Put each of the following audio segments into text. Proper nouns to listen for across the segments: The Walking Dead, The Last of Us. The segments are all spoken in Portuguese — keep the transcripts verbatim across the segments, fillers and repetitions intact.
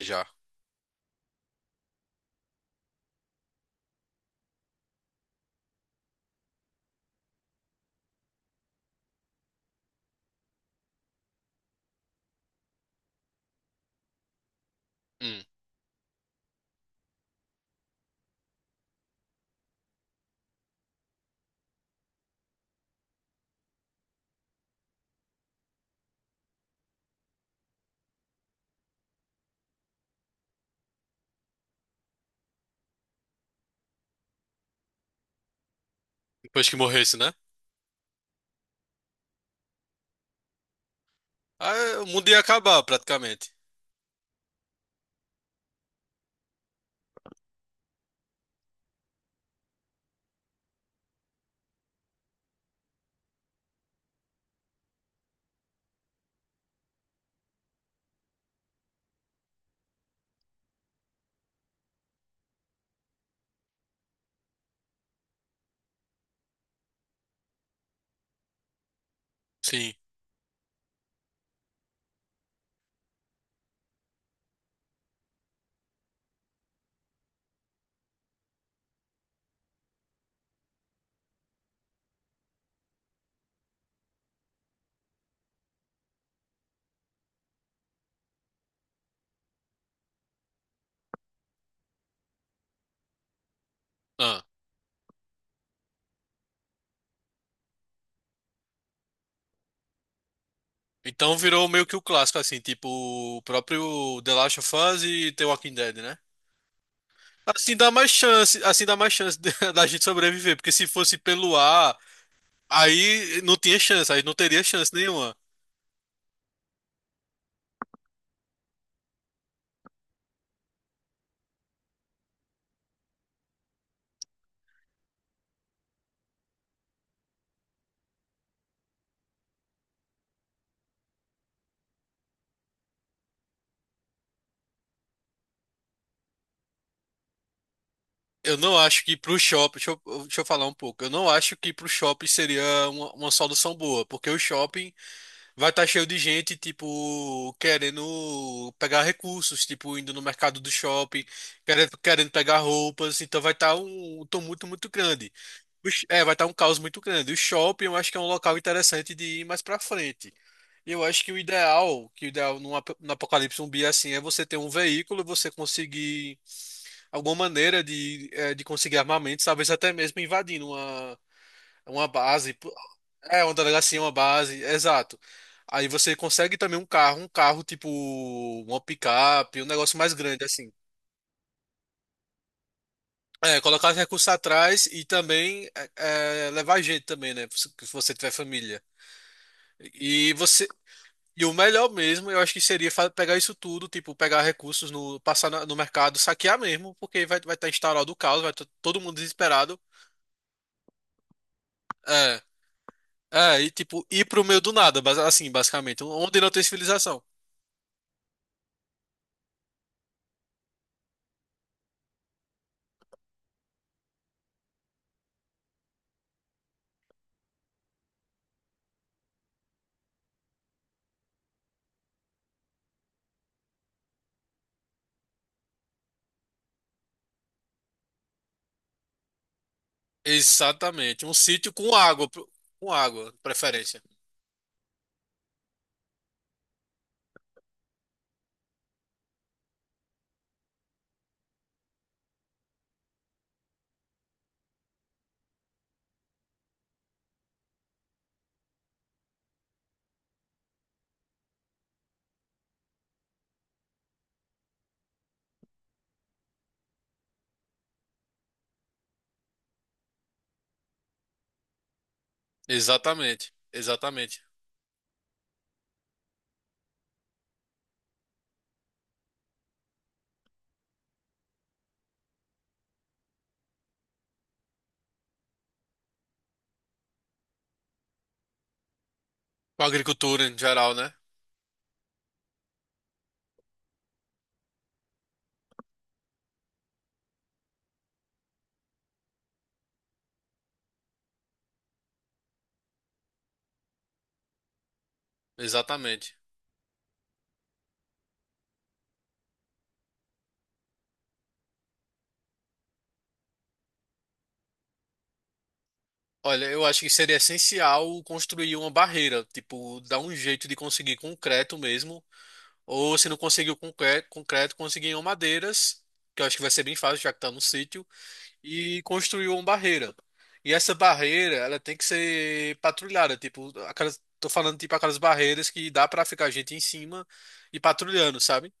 Já. Hum. Depois que morresse, né? Ah, é, o mundo ia acabar, praticamente. Sim. Ah. Então virou meio que o clássico, assim, tipo o próprio The Last of Us e The Walking Dead, né? Assim dá mais chance, assim dá mais chance de- da gente sobreviver, porque se fosse pelo ar, aí não tinha chance, aí não teria chance nenhuma. Eu não acho que pro shopping, deixa eu, deixa eu falar um pouco, eu não acho que pro shopping seria uma, uma solução boa, porque o shopping vai estar cheio de gente, tipo, querendo pegar recursos, tipo, indo no mercado do shopping, querendo, querendo pegar roupas, então vai estar um tumulto muito grande. O sh- É, vai estar um caos muito grande. O shopping eu acho que é um local interessante de ir mais pra frente. E eu acho que o ideal, que o ideal num ap- no apocalipse zumbi é assim, é você ter um veículo, você conseguir alguma maneira de, eh, de conseguir armamentos, talvez até mesmo invadindo uma, uma base. É, uma delegacia, uma base, exato. Aí você consegue também um carro, um carro tipo uma picape, um negócio mais grande assim. É, colocar os recursos atrás e também é, é, levar gente também, né? Se se você tiver família. E você e o melhor mesmo, eu acho que seria fa- pegar isso tudo, tipo, pegar recursos no passar na- no mercado, saquear mesmo, porque vai vai estar instaurado o caos, vai estar todo mundo desesperado. É. É, e tipo, ir pro meio do nada, bas- assim, basicamente, um, onde não tem civilização. Exatamente. Um sítio com água, pro- com água, de preferência. Exatamente. Exatamente. Com agricultura em geral, né? Exatamente. Olha, eu acho que seria essencial construir uma barreira, tipo, dar um jeito de conseguir concreto mesmo, ou se não conseguir o concre- concreto, conseguir em madeiras, que eu acho que vai ser bem fácil, já que tá no sítio. E construiu uma barreira. E essa barreira, ela tem que ser patrulhada, tipo, aquelas, tô falando tipo aquelas barreiras que dá pra ficar gente em cima e patrulhando, sabe?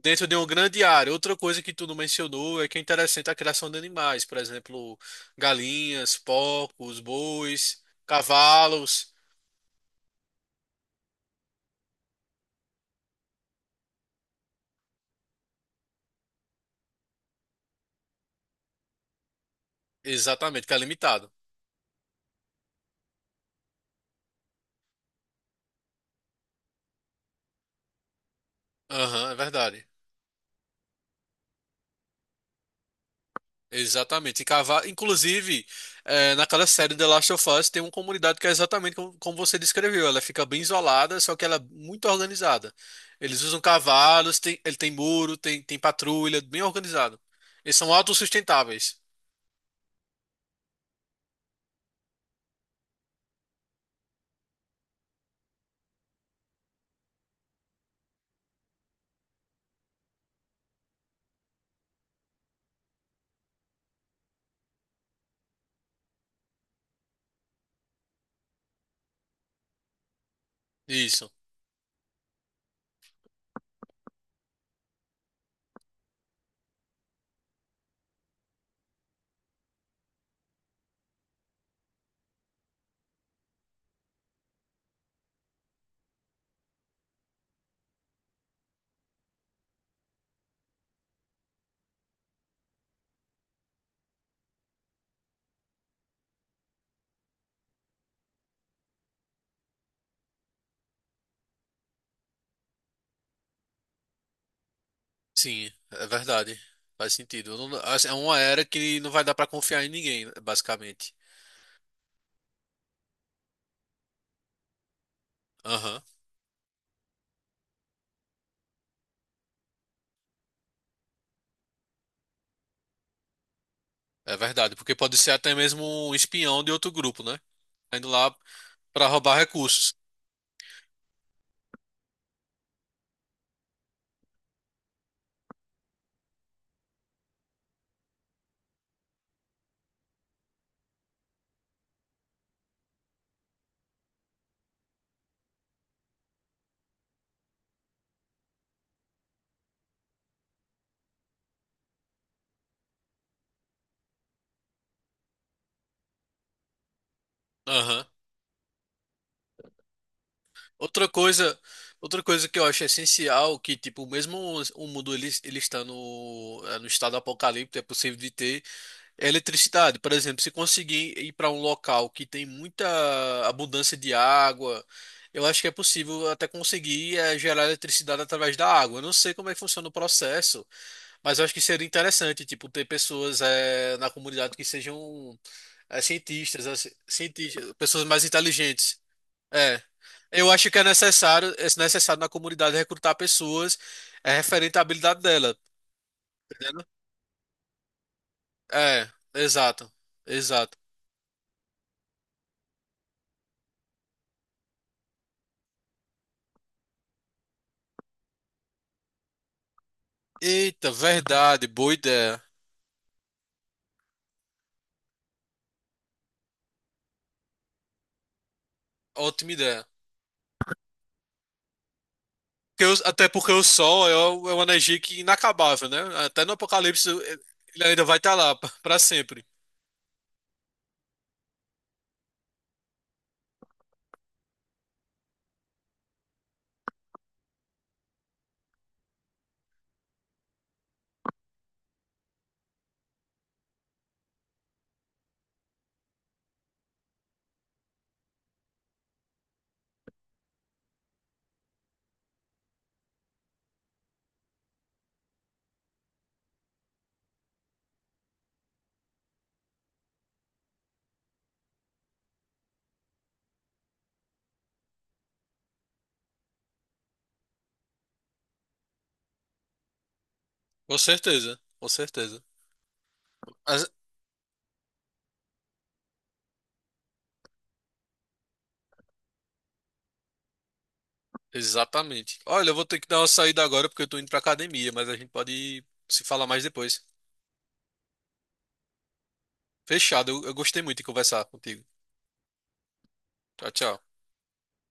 Dentro de uma grande área. Outra coisa que tu não mencionou é que é interessante a criação de animais, por exemplo, galinhas, porcos, bois, cavalos. Exatamente, que é limitado. Aham, é verdade. Exatamente. E cavar, inclusive, eh, naquela série The Last of Us tem uma comunidade que é exatamente como, como você descreveu. Ela fica bem isolada, só que ela é muito organizada. Eles usam cavalos, tem, ele tem muro, tem, tem patrulha, bem organizado. Eles são autossustentáveis. Isso. Sim, é verdade. Faz sentido. Eu não- assim, é uma era que não vai dar pra confiar em ninguém, basicamente. Aham. É verdade, porque pode ser até mesmo um espião de outro grupo, né? Tá indo lá pra roubar recursos. Aham. Outra coisa, outra coisa que eu acho essencial, que tipo, mesmo o o mundo ele, ele está no, eh, no estado apocalíptico, é possível de ter é eletricidade. Por exemplo, se conseguir ir para um local que tem muita abundância de água, eu acho que é possível até conseguir eh, gerar eletricidade através da água. Eu não sei como é que funciona o processo, mas eu acho que seria interessante, tipo, ter pessoas eh, na comunidade que sejam eh, cientistas, assim, cientistas, pessoas mais inteligentes. É. Eu acho que é necessário, é necessário na comunidade recrutar pessoas é, referente à habilidade dela, tá entendendo? É, exato. Exato. Eita, verdade, boa ideia. Ótima ideia. Porque o- até porque o sol é, o- é uma energia que é inacabável, né? Até no apocalipse eh, ele ainda vai estar lá para sempre. Com certeza, com certeza. As- exatamente. Olha, eu vou ter que dar uma saída agora porque eu tô indo pra academia, mas a gente pode se falar mais depois. Fechado, eu eu gostei muito de conversar contigo. Tchau, tchau.